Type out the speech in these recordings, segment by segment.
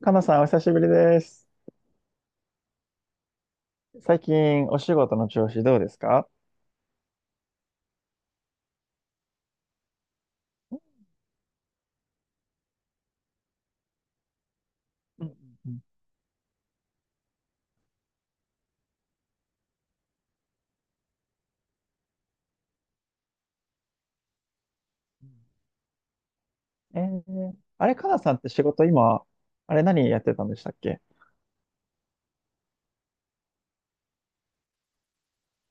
かなさん、お久しぶりです。最近、お仕事の調子どうですか？うんうんうんあれ、かなさんって仕事今、あれ何やってたんでしたっけ？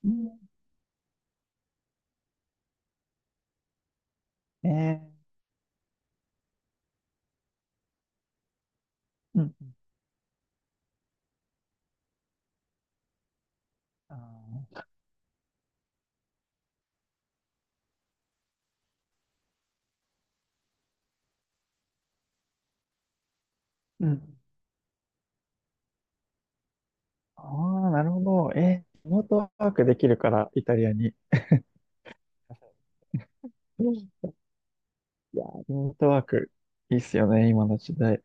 うんえうんうんうんあーうんああ、なるほど。リモートワークできるから、イタリアに。うんいやー、リモートワーク、いいっすよね、今の時代。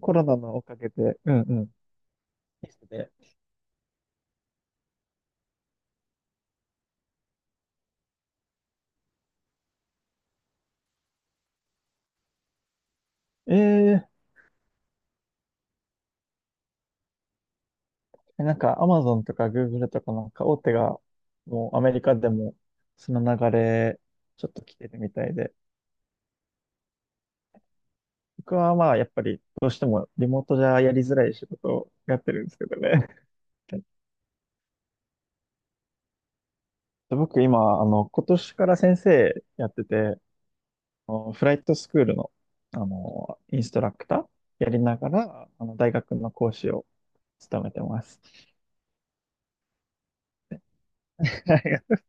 コロナのおかげで。うんうん。いいっすね。えーなんか、アマゾンとかグーグルとかなんか大手が、もうアメリカでも、その流れ、ちょっと来てるみたいで。僕はまあ、やっぱり、どうしてもリモートじゃやりづらい仕事をやってるんですけどね。僕今、今年から先生やってて、あのフライトスクールの、あの、インストラクターやりながら、あの、大学の講師を務めてます。はい。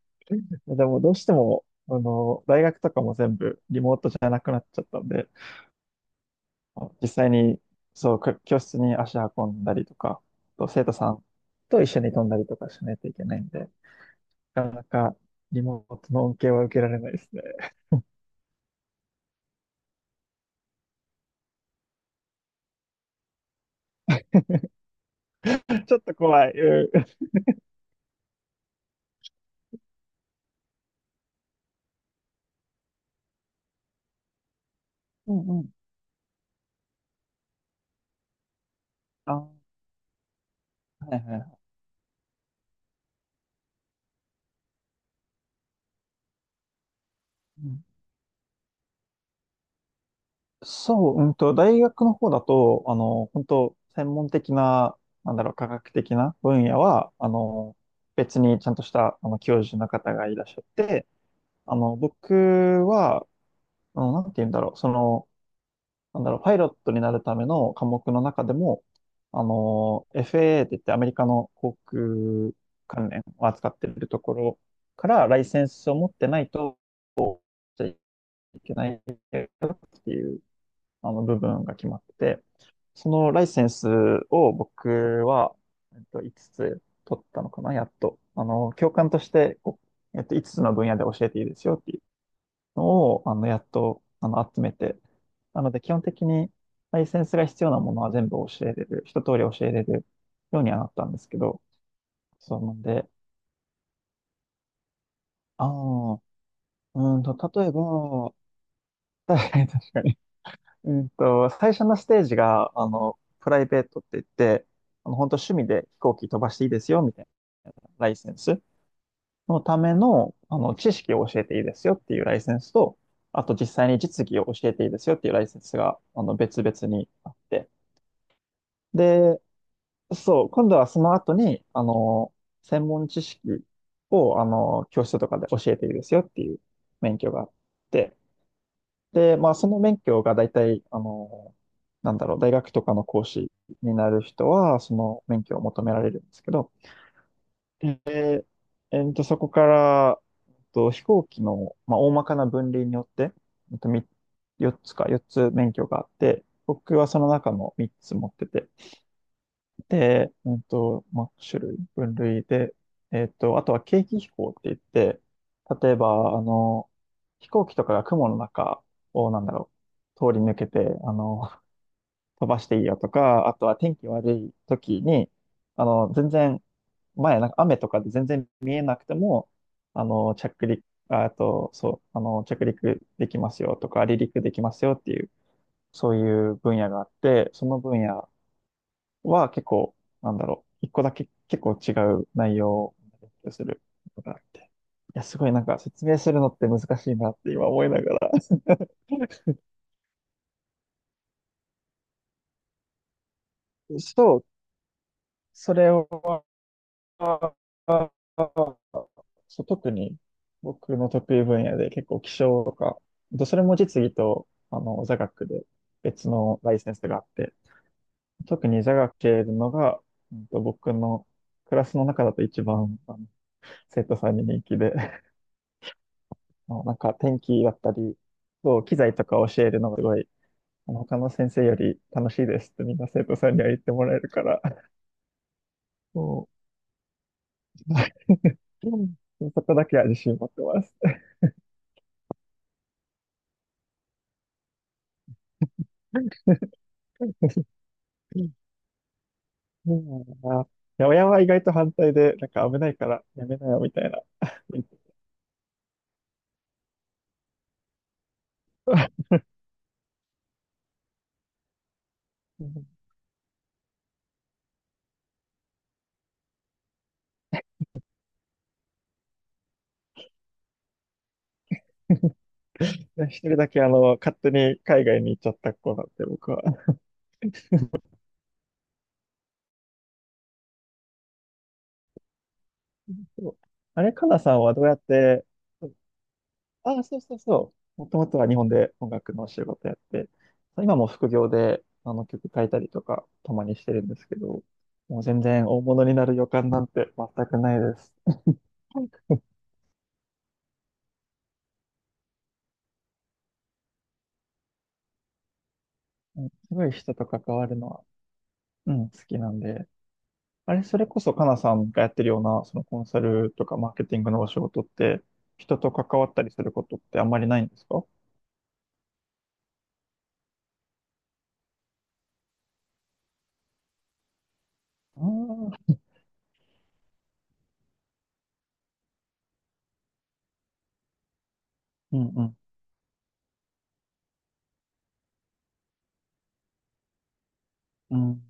でも、どうしても、あの、大学とかも全部リモートじゃなくなっちゃったんで、実際に、そう、く教室に足運んだりとか、あと生徒さんと一緒に飛んだりとかしないといけないんで、なかなかリモートの恩恵は受けられないですね。ちょっと怖い。うん。うんうん。あ、はいはいはい。うんそう、大学の方だと、あの、本当専門的な、なんだろう、科学的な分野は、あの、別にちゃんとした、あの、教授の方がいらっしゃって、あの、僕は、あの、なんて言うんだろう、その、なんだろう、パイロットになるための科目の中でも、あの、FAA って言ってアメリカの航空関連を扱っているところからライセンスを持ってないといけないっていうあの部分が決まってて、そのライセンスを僕は、5つつ取ったのかな、やっと。あの、教官として、こう5つつの分野で教えていいですよっていうのを、あの、やっと、あの、集めて、なので、基本的に、ライセンスが必要なものは全部教えれる、一通り教えれるようにはなったんですけど、そうなんで、ああ、う例えば、確かに確かに。最初のステージが、あの、プライベートって言って、あの、本当趣味で飛行機飛ばしていいですよ、みたいなライセンス。のための、あの、知識を教えていいですよっていうライセンスと、あと実際に実技を教えていいですよっていうライセンスが、あの、別々にあって。で、そう、今度はその後に、あの、専門知識を、あの、教室とかで教えていいですよっていう免許があって、で、まあ、その免許が大体、あの、なんだろう、大学とかの講師になる人は、その免許を求められるんですけど、そこから、飛行機の、まあ、大まかな分類によって、み4つか、4つ免許があって、僕はその中の3つ持ってて、で、まあ、種類、分類で、あとは景気飛行って言って、例えば、あの、飛行機とかが雲の中を、なんだろう、通り抜けて、あの、飛ばしていいよとか、あとは天気悪い時に、あの、全然前、なんか雨とかで全然見えなくても、あの、着陸、ああと、そう、あの、着陸できますよとか、離陸できますよっていう、そういう分野があって、その分野は結構、なんだろう、一個だけ結構違う内容を勉強することがあって。いや、すごいなんか説明するのって難しいなって今思いながら。そう、それは、そう、特に僕の得意分野で結構気象とか、あとそれも実技とあの座学で別のライセンスがあって、特に座学系のが、僕のクラスの中だと一番あの生徒さんに人気で、あのなんか天気だったり、そう、機材とか教えるのがすごい、あの他の先生より楽しいですってみんな生徒さんには言ってもらえるから、もう、そこだけは自信持ってます。そうなんだな。いや、親は意外と反対で、なんか危ないからやめなよみたいな。うん。一人だけあの、勝手に海外に行っちゃった子なんで、僕は。そうあれ、かなさんはどうやって、ああ、そうそうそう。もともとは日本で音楽のお仕事やって、今も副業であの曲書いたりとか、たまにしてるんですけど、もう全然大物になる予感なんて全くないです。うんすごい人と関わるのは、うん、好きなんで。あれ、それこそ、かなさんがやってるような、そのコンサルとかマーケティングのお仕事って、人と関わったりすることってあんまりないんですか？ああー、うんうん、うん、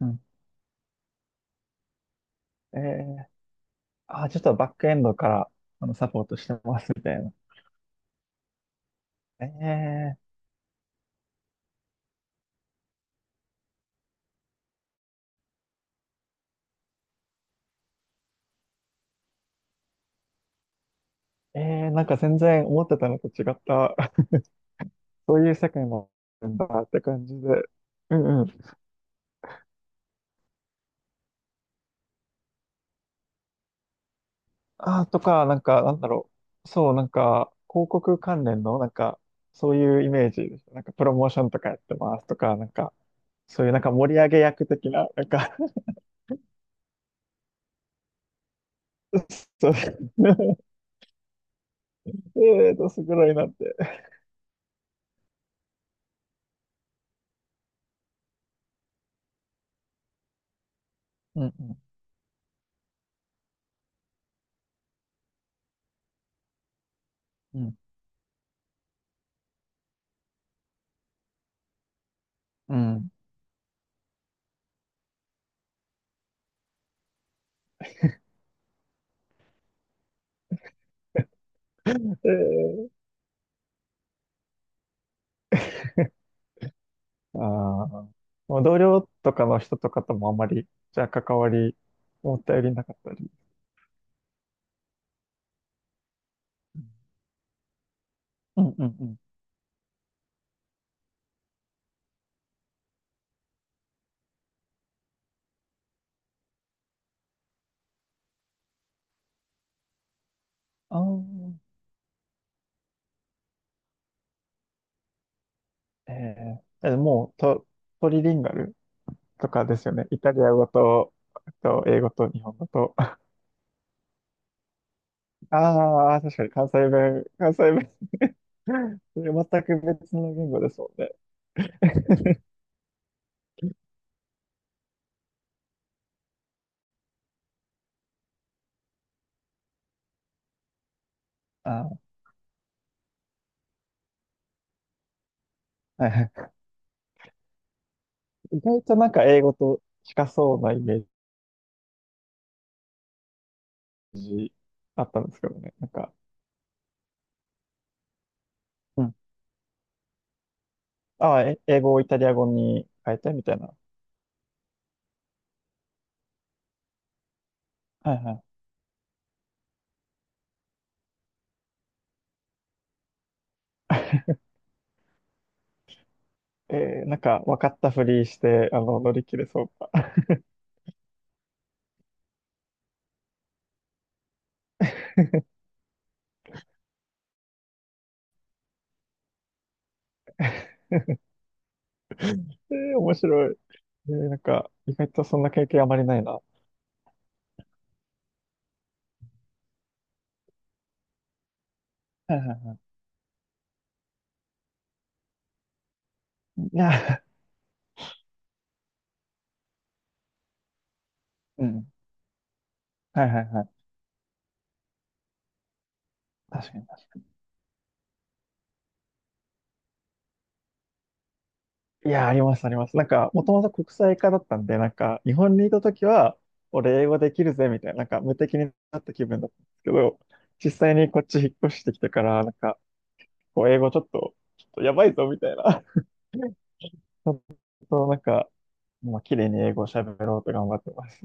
うん。えー、あー、ちょっとバックエンドから、あの、サポートしてますみたいな。えー、えー、なんか全然思ってたのと違った、そういう世界もあるんだって感じで。うんうん。あー、とか、なんか、なんだろう。そう、なんか、広告関連の、なんか、そういうイメージですなんか、プロモーションとかやってますとか、なんか、そういうなんか盛り上げ役的な、なんか そういう、えーと、すごいなって。うんうん。うん。うんああ、もう同僚とかの人とかともあんまり、じゃあ関わり、思ったよりなかったり。うんうんうん。ああ、えー、え、もうと、トリリンガルとかですよね。イタリア語と、と英語と日本語と。ああ、確かに関西弁、関西弁、それ全く別の言語ですもんね。ああ、はいはい。意外となんか英語と近そうなイメージあったんですけどね。なんか、うん。ああ、え英語をイタリア語に変えてみたいな。はいはい。えー、なんか分かったふりして、あの、乗り切れそうか。えー、面白い。えー、なんか、意外とそんな経験あまりないな。はいはいはい。いや、うん。はいはいはい。確かに確かに。いや、あります、あります。なんか、もともと国際化だったんで、なんか、日本にいたときは、俺英語できるぜ、みたいな、なんか、無敵になった気分だったんですけど、実際にこっち引っ越してきてから、なんか、こう、英語ちょっと、ちょっとやばいぞ、みたいな。ちょっと、なんか、まあ綺麗に英語を喋ろうと頑張ってます。